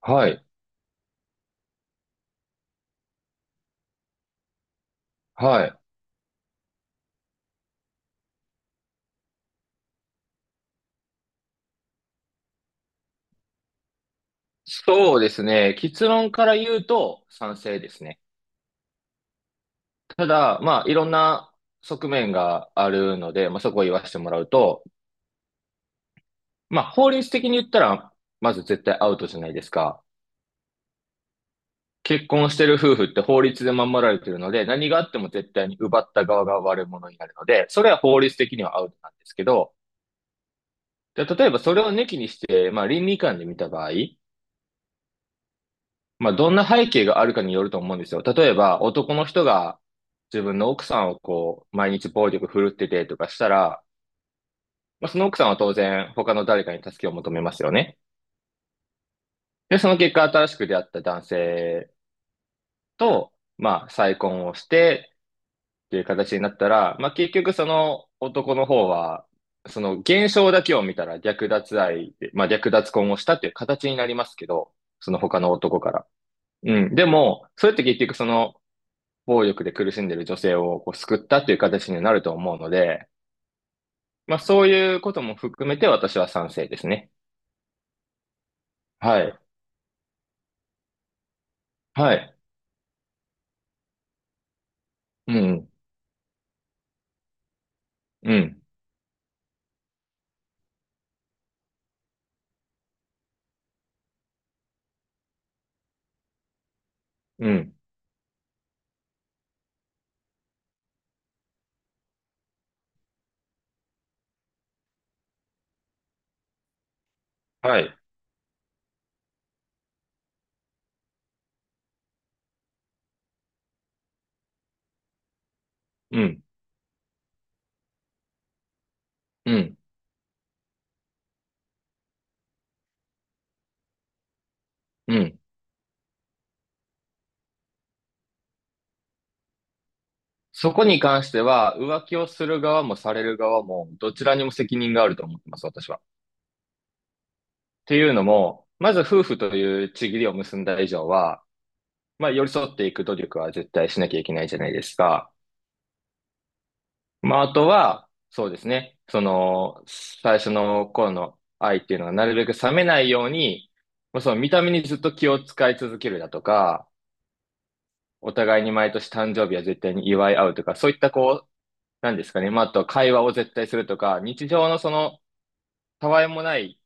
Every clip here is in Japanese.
はい。はい。そうですね。結論から言うと賛成ですね。ただ、まあ、いろんな側面があるので、まあ、そこを言わせてもらうと、まあ、法律的に言ったら、まず絶対アウトじゃないですか。結婚してる夫婦って法律で守られてるので、何があっても絶対に奪った側が悪者になるので、それは法律的にはアウトなんですけど、で、例えばそれを抜きにして、まあ、倫理観で見た場合、まあ、どんな背景があるかによると思うんですよ。例えば、男の人が自分の奥さんをこう、毎日暴力振るっててとかしたら、まあ、その奥さんは当然他の誰かに助けを求めますよね。で、その結果、新しく出会った男性と、まあ、再婚をしてっていう形になったら、まあ、結局その男の方は、その現象だけを見たら略奪愛で、まあ、略奪婚をしたっていう形になりますけど、その他の男から。うん。でも、それって結局その、暴力で苦しんでいる女性をこう救ったという形になると思うので、まあそういうことも含めて私は賛成ですね。はい。はい。うん。うん。うん。はい。うん。うん。うん。そこに関しては、浮気をする側もされる側も、どちらにも責任があると思ってます、私は。っていうのも、まず夫婦という契りを結んだ以上は、まあ寄り添っていく努力は絶対しなきゃいけないじゃないですか。まあ、あとは、そうですね。その、最初の頃の愛っていうのは、なるべく冷めないように、まあ、その見た目にずっと気を使い続けるだとか、お互いに毎年誕生日は絶対に祝い合うとか、そういったこう、なんですかね。まあ、あとは会話を絶対するとか、日常のその、たわいもない、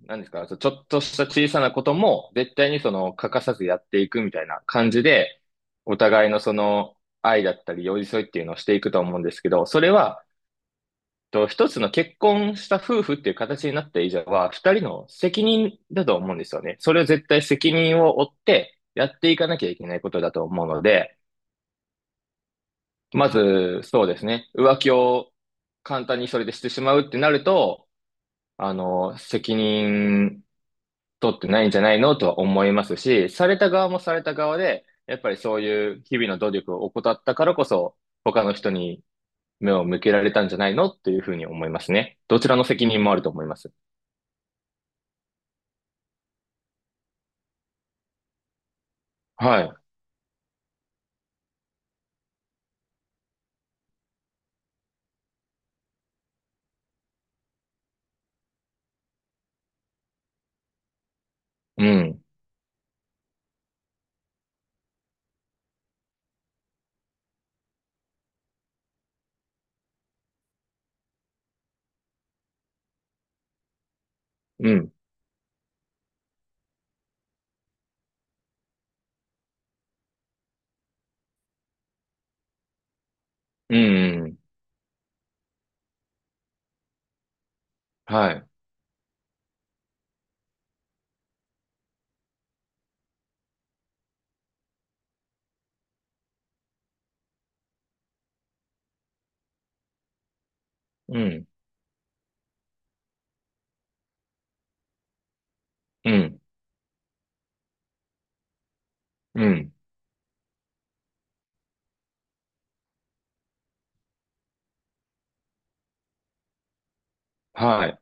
なんですか、ちょっとした小さなことも、絶対にその、欠かさずやっていくみたいな感じで、お互いのその、愛だったり、寄り添いっていうのをしていくと思うんですけど、それは、と、一つの結婚した夫婦っていう形になった以上は、二人の責任だと思うんですよね。それを絶対責任を負ってやっていかなきゃいけないことだと思うので、まず、そうですね。浮気を簡単にそれでしてしまうってなると、責任取ってないんじゃないのとは思いますし、された側もされた側で、やっぱりそういう日々の努力を怠ったからこそ、他の人に目を向けられたんじゃないのっていうふうに思いますね。どちらの責任もあると思います。はい。うん。うん。うん。うん。はい。うん。うん。うん。はい。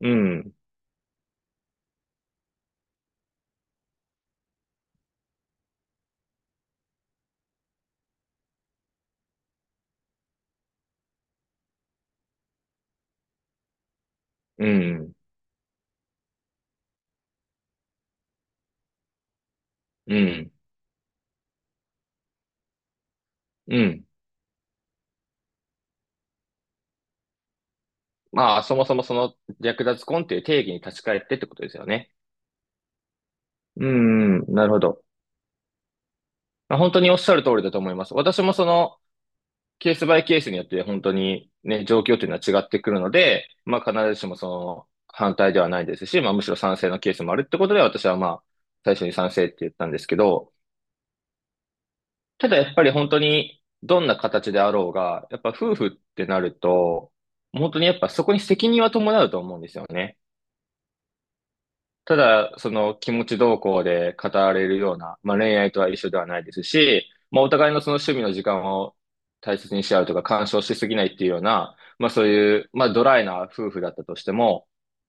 うん。うん。うん。うん。まあ、そもそもその略奪婚っていう定義に立ち返ってってことですよね。うん。なるほど。まあ本当におっしゃる通りだと思います。私もそのケースバイケースによって本当にね、状況というのは違ってくるので、まあ必ずしもその反対ではないですし、まあむしろ賛成のケースもあるってことで私はまあ最初に賛成って言ったんですけど、ただやっぱり本当にどんな形であろうが、やっぱ夫婦ってなると、本当にやっぱそこに責任は伴うと思うんですよね。ただ、その気持ち動向で語られるような、まあ、恋愛とは一緒ではないですし、まあ、お互いのその趣味の時間を大切にし合うとか、干渉しすぎないっていうような、まあ、そういう、まあ、ドライな夫婦だったとしても、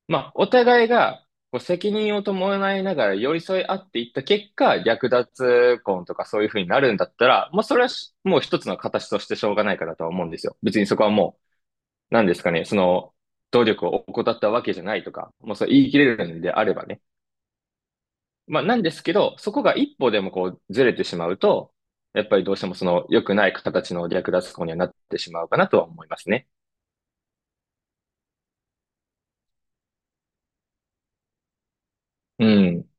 まあ、お互いがこう責任を伴いながら寄り添い合っていった結果、略奪婚とかそういうふうになるんだったら、まあ、それはしもう一つの形としてしょうがないかなとは思うんですよ。別にそこはもう、何ですかね、その、努力を怠ったわけじゃないとか、もうそう言い切れるのであればね。まあ、なんですけど、そこが一歩でもこうずれてしまうと、やっぱりどうしてもその良くない形の略奪行為にはなってしまうかなとは思いますね。うん。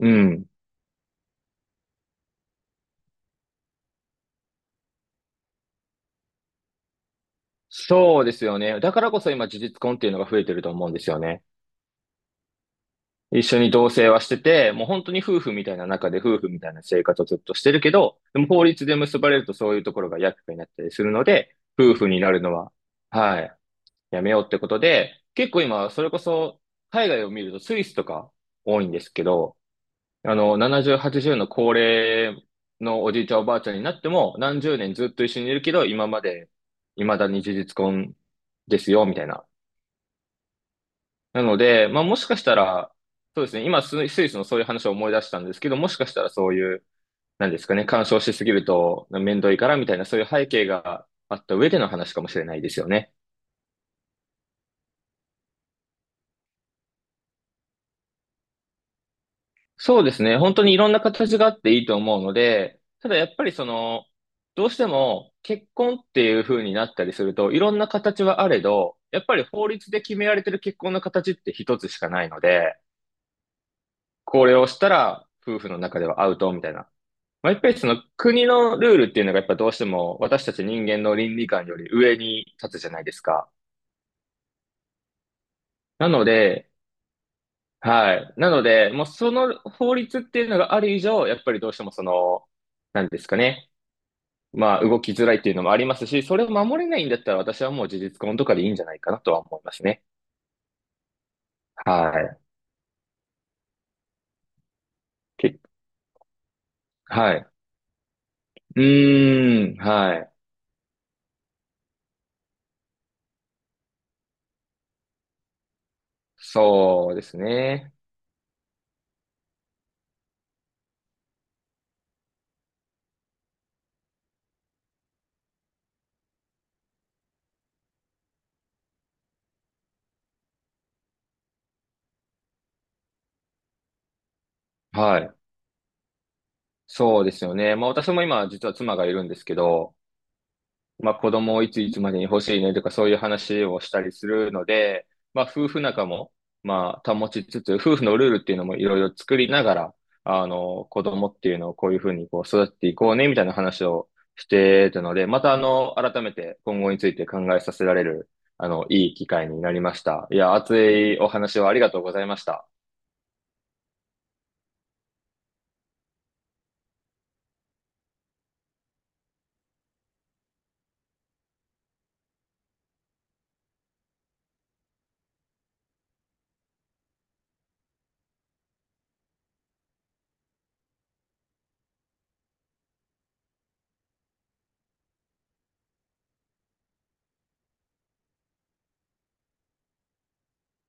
うん。そうですよね。だからこそ今、事実婚っていうのが増えてると思うんですよね。一緒に同棲はしてて、もう本当に夫婦みたいな中で夫婦みたいな生活をずっとしてるけど、でも法律で結ばれるとそういうところが厄介になったりするので、夫婦になるのは、はい、やめようってことで、結構今、それこそ海外を見るとスイスとか多いんですけど、70、80の高齢のおじいちゃんおばあちゃんになっても、何十年ずっと一緒にいるけど、今まで、未だに事実婚ですよ、みたいな。なので、まあもしかしたら、そうですね、今スイスのそういう話を思い出したんですけど、もしかしたらそういう、なんですかね、干渉しすぎると面倒いからみたいな、そういう背景があった上での話かもしれないですよね。そうですね。本当にいろんな形があっていいと思うので、ただやっぱりその、どうしても結婚っていう風になったりすると、いろんな形はあれど、やっぱり法律で決められてる結婚の形って一つしかないので、これをしたら夫婦の中ではアウトみたいな。まあ、やっぱりその国のルールっていうのがやっぱどうしても私たち人間の倫理観より上に立つじゃないですか。なので、はい。なので、もうその法律っていうのがある以上、やっぱりどうしてもその、なんですかね。まあ、動きづらいっていうのもありますし、それを守れないんだったら私はもう事実婚とかでいいんじゃないかなとは思いますね。はい。け、はい。うーん、はい。そうですね。はい。そうですよね。まあ私も今実は妻がいるんですけど、まあ子供をいついつまでに欲しいねとかそういう話をしたりするので、まあ夫婦仲もまあ保ちつつ、夫婦のルールっていうのもいろいろ作りながら、子供っていうのをこういうふうにこう育っていこうねみたいな話をしてたので、また改めて今後について考えさせられる、いい機会になりました。いや、熱いお話をありがとうございました。